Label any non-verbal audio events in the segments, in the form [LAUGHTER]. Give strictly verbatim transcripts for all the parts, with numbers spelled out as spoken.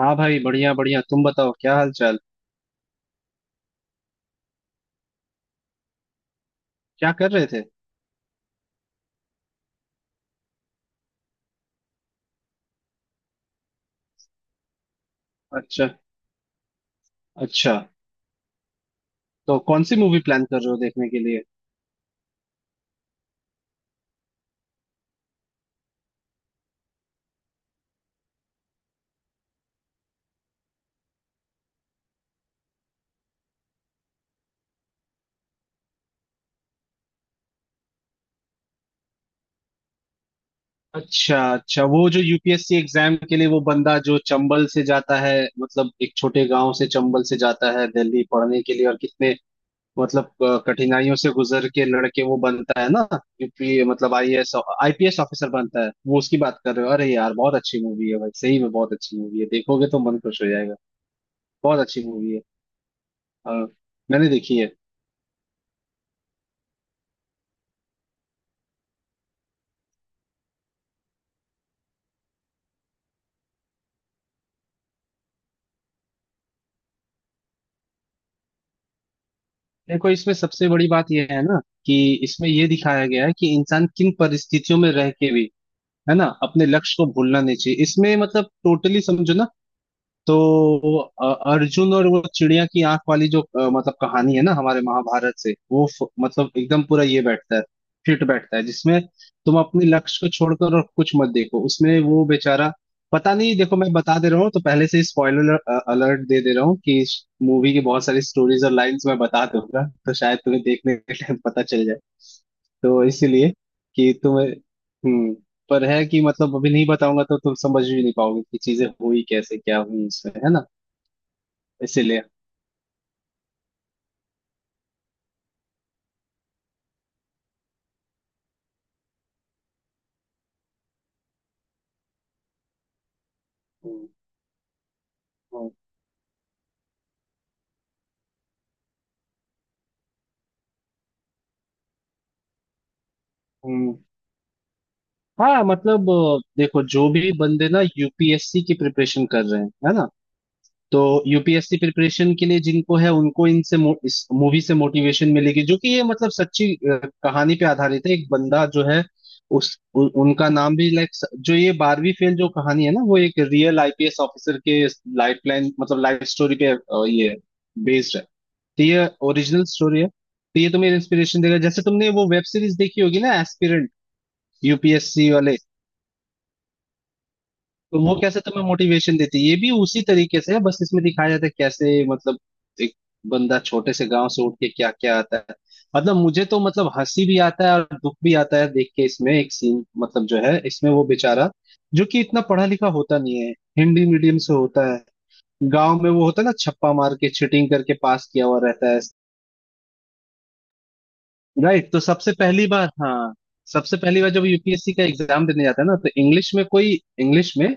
हाँ भाई, बढ़िया बढ़िया। तुम बताओ, क्या हाल चाल, क्या कर रहे थे? अच्छा अच्छा। तो कौन सी मूवी प्लान कर रहे हो देखने के लिए? अच्छा अच्छा, वो जो यूपीएससी एग्जाम के लिए वो बंदा जो चंबल से जाता है। मतलब एक छोटे गांव से चंबल से जाता है दिल्ली पढ़ने के लिए, और कितने मतलब अ, कठिनाइयों से गुजर के लड़के वो बनता है ना। यूपी मतलब आईएएस, आईपीएस ऑफिसर बनता है। वो उसकी बात कर रहे हो? अरे यार बहुत अच्छी मूवी है भाई, सही में बहुत अच्छी मूवी है। देखोगे तो मन खुश हो जाएगा। बहुत अच्छी मूवी है। हाँ, मैंने देखी है। देखो, इसमें सबसे बड़ी बात यह है ना, कि इसमें यह दिखाया गया है कि इंसान किन परिस्थितियों में रह के भी, है ना, अपने लक्ष्य को भूलना नहीं चाहिए। इसमें मतलब टोटली समझो ना। तो अ- अर्जुन और वो चिड़िया की आंख वाली जो अ, मतलब कहानी है ना हमारे महाभारत से, वो फ- मतलब एकदम पूरा ये बैठता है, फिट बैठता है, जिसमें तुम अपने लक्ष्य को छोड़कर और कुछ मत देखो। उसमें वो बेचारा, पता नहीं, देखो मैं बता दे रहा हूँ तो पहले से ही स्पॉइलर अलर्ट दे दे रहा हूँ कि इस मूवी की बहुत सारी स्टोरीज और लाइंस मैं बता दूंगा तो शायद तुम्हें देखने के टाइम पता चल जाए। तो इसीलिए कि तुम्हें, हम्म, पर है कि मतलब अभी नहीं बताऊंगा तो तुम समझ भी नहीं पाओगे कि चीजें हुई कैसे, क्या हुई इसमें, है ना। इसीलिए। हम्म, हम्म, हम्म हाँ, मतलब अ, देखो, जो भी बंदे ना यूपीएससी की प्रिपरेशन कर रहे हैं, है ना, तो यूपीएससी प्रिपरेशन के लिए जिनको है उनको इनसे मो, इस मूवी से मोटिवेशन मिलेगी। जो कि ये मतलब सच्ची अ, कहानी पे आधारित है। एक बंदा जो है, उस उ, उनका नाम भी लाइक, जो ये बारहवीं फेल जो कहानी है ना, वो एक रियल आईपीएस ऑफिसर के लाइफ लाइन मतलब लाइफ स्टोरी पे अ, ये बेस्ड है। तो ये ओरिजिनल स्टोरी है। तो ये तुम्हें इंस्पिरेशन देगा। जैसे तुमने वो वेब सीरीज देखी होगी ना, एस्पिरेंट, यूपीएससी वाले, तो वो कैसे तुम्हें मोटिवेशन देती है, ये भी उसी तरीके से है। बस इसमें दिखाया जाता है कैसे मतलब एक बंदा छोटे से गांव से उठ के क्या क्या आता है। मतलब मुझे तो मतलब हंसी भी आता है और दुख भी आता है देख के। इसमें एक सीन मतलब जो है, इसमें वो बेचारा जो कि इतना पढ़ा लिखा होता नहीं है, हिंदी मीडियम से होता है, गांव में वो होता है ना, छप्पा मार के चीटिंग करके पास किया हुआ रहता है। राइट, तो सबसे पहली बार, हाँ, सबसे पहली बार जब यूपीएससी का एग्जाम देने जाता है ना, तो इंग्लिश में कोई, इंग्लिश में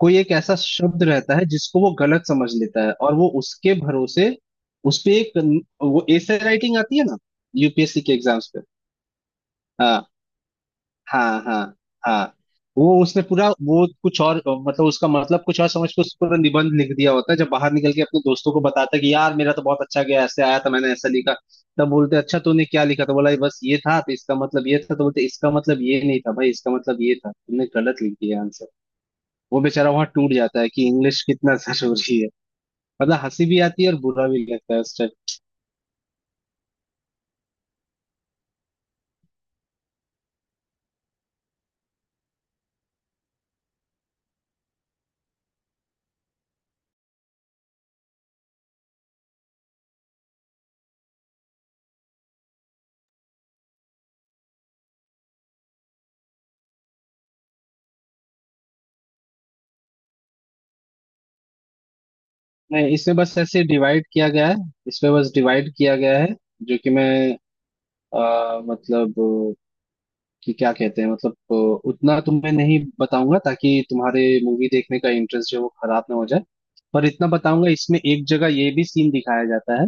कोई एक ऐसा शब्द रहता है जिसको वो गलत समझ लेता है और वो उसके भरोसे उस पे एक, वो एसे राइटिंग आती है ना यूपीएससी के एग्जाम्स पे। हाँ, हाँ, हाँ, हाँ। वो उसने पूरा, वो कुछ और मतलब उसका मतलब कुछ और समझ के उसने पूरा निबंध लिख दिया होता है। जब बाहर निकल के अपने दोस्तों को बताता है कि यार मेरा तो बहुत अच्छा गया, ऐसे आया था, मैंने ऐसा लिखा। तब बोलते अच्छा तूने क्या लिखा, तो बोला बस ये था तो इसका मतलब ये था, तो बोलते इसका मतलब ये नहीं था भाई, इसका मतलब ये था, तुमने गलत लिख दिया आंसर। वो बेचारा वहां टूट जाता है कि इंग्लिश कितना जरूरी है। मतलब हंसी भी आती है और बुरा भी लगता है उस टाइम। नहीं, इसमें बस ऐसे डिवाइड किया गया है, इसमें बस डिवाइड किया गया है, जो कि मैं अ, मतलब कि क्या कहते हैं मतलब अ, उतना तुम्हें नहीं बताऊंगा ताकि तुम्हारे मूवी देखने का इंटरेस्ट जो है वो खराब ना हो जाए। पर इतना बताऊंगा, इसमें एक जगह ये भी सीन दिखाया जाता है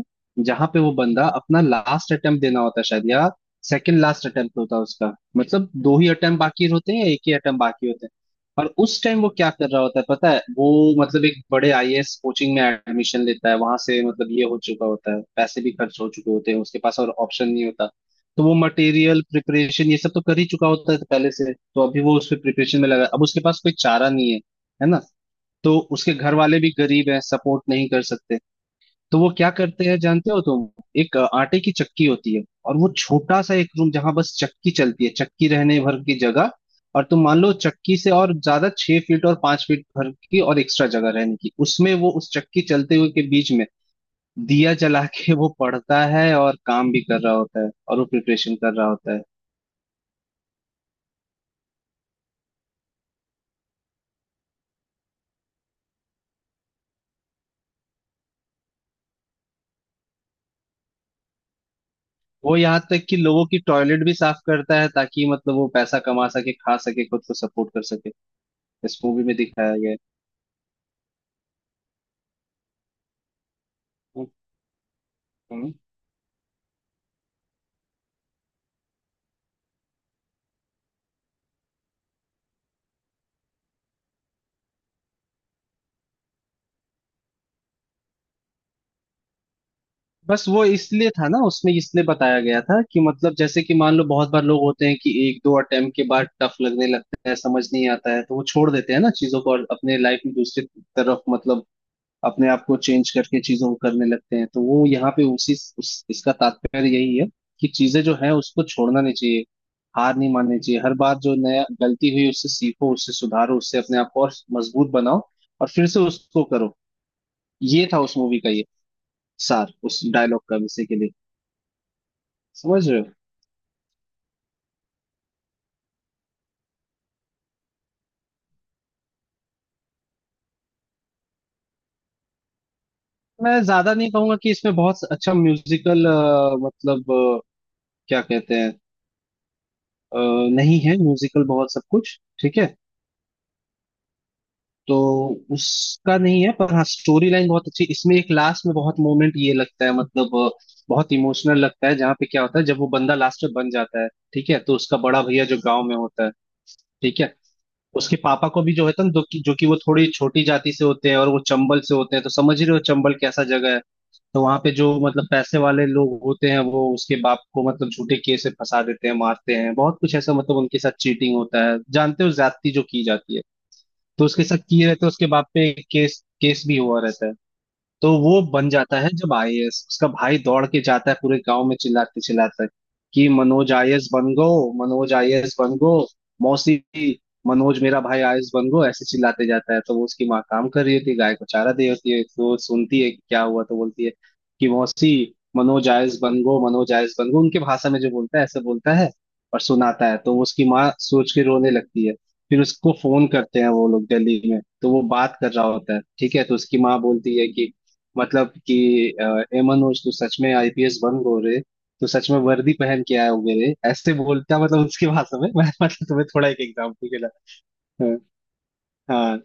जहां पे वो बंदा अपना लास्ट अटेम्प्ट देना होता है शायद, या सेकंड लास्ट अटेम्प्ट होता है उसका, मतलब दो ही अटेम्प्ट बाकी होते हैं या एक ही अटेम्प्ट बाकी होते हैं। और उस टाइम वो क्या कर रहा होता है पता है? वो मतलब एक बड़े आईएएस कोचिंग में एडमिशन लेता है। वहां से मतलब ये हो चुका होता है, पैसे भी खर्च हो चुके होते हैं उसके पास, और ऑप्शन नहीं होता। तो वो मटेरियल प्रिपरेशन ये सब तो कर ही चुका होता है पहले से, तो अभी वो उसपे प्रिपरेशन में लगा है। अब उसके पास कोई चारा नहीं है, है ना। तो उसके घर वाले भी गरीब हैं, सपोर्ट नहीं कर सकते। तो वो क्या करते हैं जानते हो तुम? एक अ, आटे की चक्की होती है और वो छोटा सा एक रूम जहां बस चक्की चलती है, चक्की रहने भर की जगह, और तुम मान लो चक्की से और ज्यादा छह फीट और पांच फीट भर की और एक्स्ट्रा जगह रहने की, उसमें वो उस चक्की चलते हुए के बीच में दिया जला के वो पढ़ता है और काम भी कर रहा होता है और वो प्रिपरेशन कर रहा होता है। वो यहाँ तक कि लोगों की टॉयलेट भी साफ करता है ताकि मतलब वो पैसा कमा सके, खा सके, खुद को सपोर्ट कर सके, इस मूवी में दिखाया गया है। हम्म। बस वो इसलिए था ना उसमें, इसलिए बताया गया था कि मतलब जैसे कि मान लो बहुत बार लोग होते हैं कि एक दो अटेम्प्ट के बाद टफ लगने लगता है, समझ नहीं आता है, तो वो छोड़ देते हैं ना चीजों को, और अपने लाइफ में दूसरी तरफ मतलब अपने आप को चेंज करके चीजों को करने लगते हैं। तो वो यहाँ पे उसी उस, इसका तात्पर्य यही है कि चीजें जो है उसको छोड़ना नहीं चाहिए, हार नहीं माननी चाहिए। हर बार जो नया गलती हुई उससे सीखो, उससे सुधारो, उससे अपने आप को और मजबूत बनाओ, और फिर से उसको करो। ये था उस मूवी का ये सार, उस डायलॉग का विषय के लिए। समझ रहे हो? मैं ज्यादा नहीं कहूंगा कि इसमें बहुत अच्छा म्यूजिकल मतलब अ, क्या कहते हैं, अ, नहीं है म्यूजिकल बहुत, सब कुछ ठीक है, तो उसका नहीं है। पर हाँ, स्टोरी लाइन बहुत अच्छी। इसमें एक लास्ट में बहुत मोमेंट ये लगता है, मतलब अ, बहुत इमोशनल लगता है। जहाँ पे क्या होता है, जब वो बंदा लास्ट में बन जाता है, ठीक है, तो उसका बड़ा भैया जो गांव में होता है, ठीक है, उसके पापा को भी जो है ना, जो कि जो कि वो थोड़ी छोटी जाति से होते हैं और वो चंबल से होते हैं, तो समझ ही रहे हो चंबल कैसा जगह है। तो वहां पे जो मतलब पैसे वाले लोग होते हैं वो उसके बाप को मतलब झूठे केस से फंसा देते हैं, मारते हैं, बहुत कुछ ऐसा मतलब उनके साथ चीटिंग होता है, जानते हो, ज्यादती जो की जाती है। तो उसके साथ किए रहते हैं, उसके बाप पे केस, केस भी हुआ रहता है। तो वो बन जाता है जब आईएएस, उसका भाई दौड़ के जाता है पूरे गांव में चिल्लाते चिल्लाते कि मनोज आईएएस बन गो, मनोज आईएएस बन गो, मौसी, मनोज मेरा भाई आईएएस बन गो, ऐसे चिल्लाते जाता है। तो वो उसकी माँ काम कर रही होती है, गाय को चारा दे होती है, तो वो सुनती है कि क्या हुआ, तो बोलती है कि मौसी, मनोज आईएएस बन गो, मनोज आईएएस बन गो, उनके भाषा में जो बोलता है ऐसे बोलता है और सुनाता है। तो उसकी माँ सोच के रोने लगती है। फिर उसको फोन करते हैं वो लोग दिल्ली में, तो वो बात कर रहा होता है, ठीक है, तो उसकी माँ बोलती है कि मतलब कि अ, ए मनोज, तू सच में आईपीएस बन गो रे, तू सच में वर्दी पहन के आए होगे रे, ऐसे बोलता मतलब उसकी भाषा में। [LAUGHS] मैं मतलब तुम्हें थोड़ा एक एग्जाम्पल के लिए। हाँ, हाँ,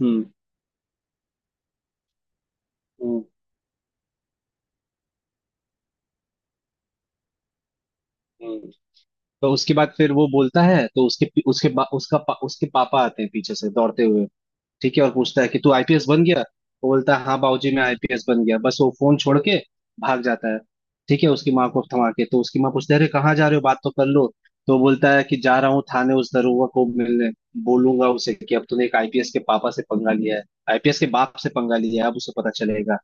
हम्म हम्म हम्म। तो उसके बाद फिर वो बोलता है, तो उसके उसके बा, उसका पा, उसके पापा आते हैं पीछे से दौड़ते हुए, ठीक है, और पूछता है कि तू आईपीएस बन गया? वो बोलता है हाँ बाबूजी मैं आईपीएस बन गया, बस वो फोन छोड़ के भाग जाता है, ठीक है, उसकी माँ को थमा के। तो उसकी माँ पूछती है अरे कहाँ जा रहे हो, बात तो कर लो। तो वो बोलता है कि जा रहा हूँ थाने उस दरोगा को मिलने, बोलूंगा उसे कि अब तूने एक आईपीएस के पापा से पंगा लिया है, आईपीएस के बाप से पंगा लिया है, अब उसे पता चलेगा।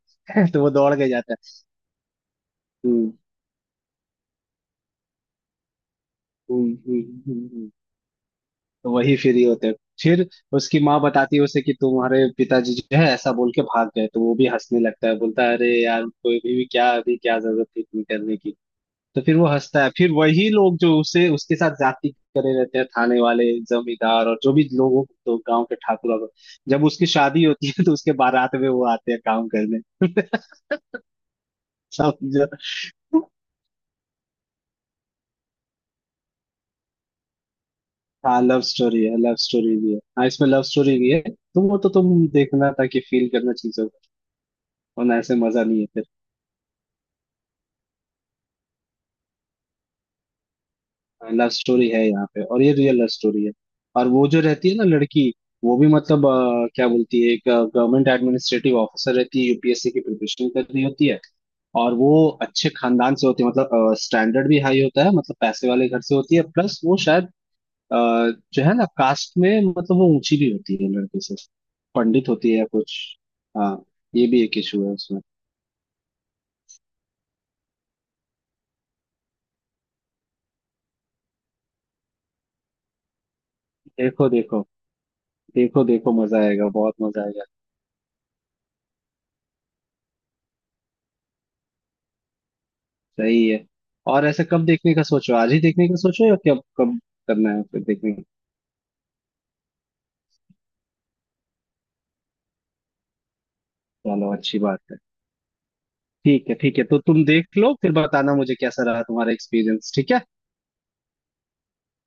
[LAUGHS] तो वो दौड़ के जाता है। हम्म हम्म हम्म हम्म, हम्म। तो वही फ्री होते हैं फिर। उसकी माँ बताती है उसे कि तुम्हारे पिताजी जो है ऐसा बोल के भाग गए, तो वो भी हंसने लगता है, बोलता है अरे यार कोई भी, भी क्या अभी क्या जरूरत थी इतनी करने की। तो फिर वो हंसता है। फिर वही लोग जो उसे उसके साथ जाति करे रहते हैं, थाने वाले, जमींदार और जो भी लोगों, तो गांव के ठाकुर वाकुर, जब उसकी शादी होती है तो उसके बारात में वो आते हैं काम करने। [LAUGHS] समझो। हाँ, लव स्टोरी है, लव स्टोरी भी है, हाँ, इसमें लव स्टोरी भी है। तुम वो तो तुम देखना ताकि फील करना चीजों को, वरना ऐसे मजा नहीं है। लव स्टोरी है यहाँ पे, और ये रियल लव स्टोरी है। और वो जो रहती है ना लड़की, वो भी मतलब अ, क्या बोलती है, एक गवर्नमेंट एडमिनिस्ट्रेटिव ऑफिसर रहती है, यूपीएससी की प्रिपरेशन कर रही होती है, और वो अच्छे खानदान से होती है, मतलब स्टैंडर्ड भी हाई होता है, मतलब पैसे वाले घर से होती है, प्लस वो शायद अ, जो है ना कास्ट में मतलब वो ऊंची भी होती है लड़के से, पंडित होती है या कुछ, हाँ, ये भी एक इशू है उसमें। देखो देखो, देखो देखो, मजा आएगा, बहुत मजा आएगा। सही है। और ऐसा कब देखने का सोचो, आज ही देखने का सोचो या कब कब करना है फिर देखने का? चलो, अच्छी बात है। ठीक है, ठीक है, तो तुम देख लो, फिर बताना मुझे कैसा रहा तुम्हारा एक्सपीरियंस, ठीक है।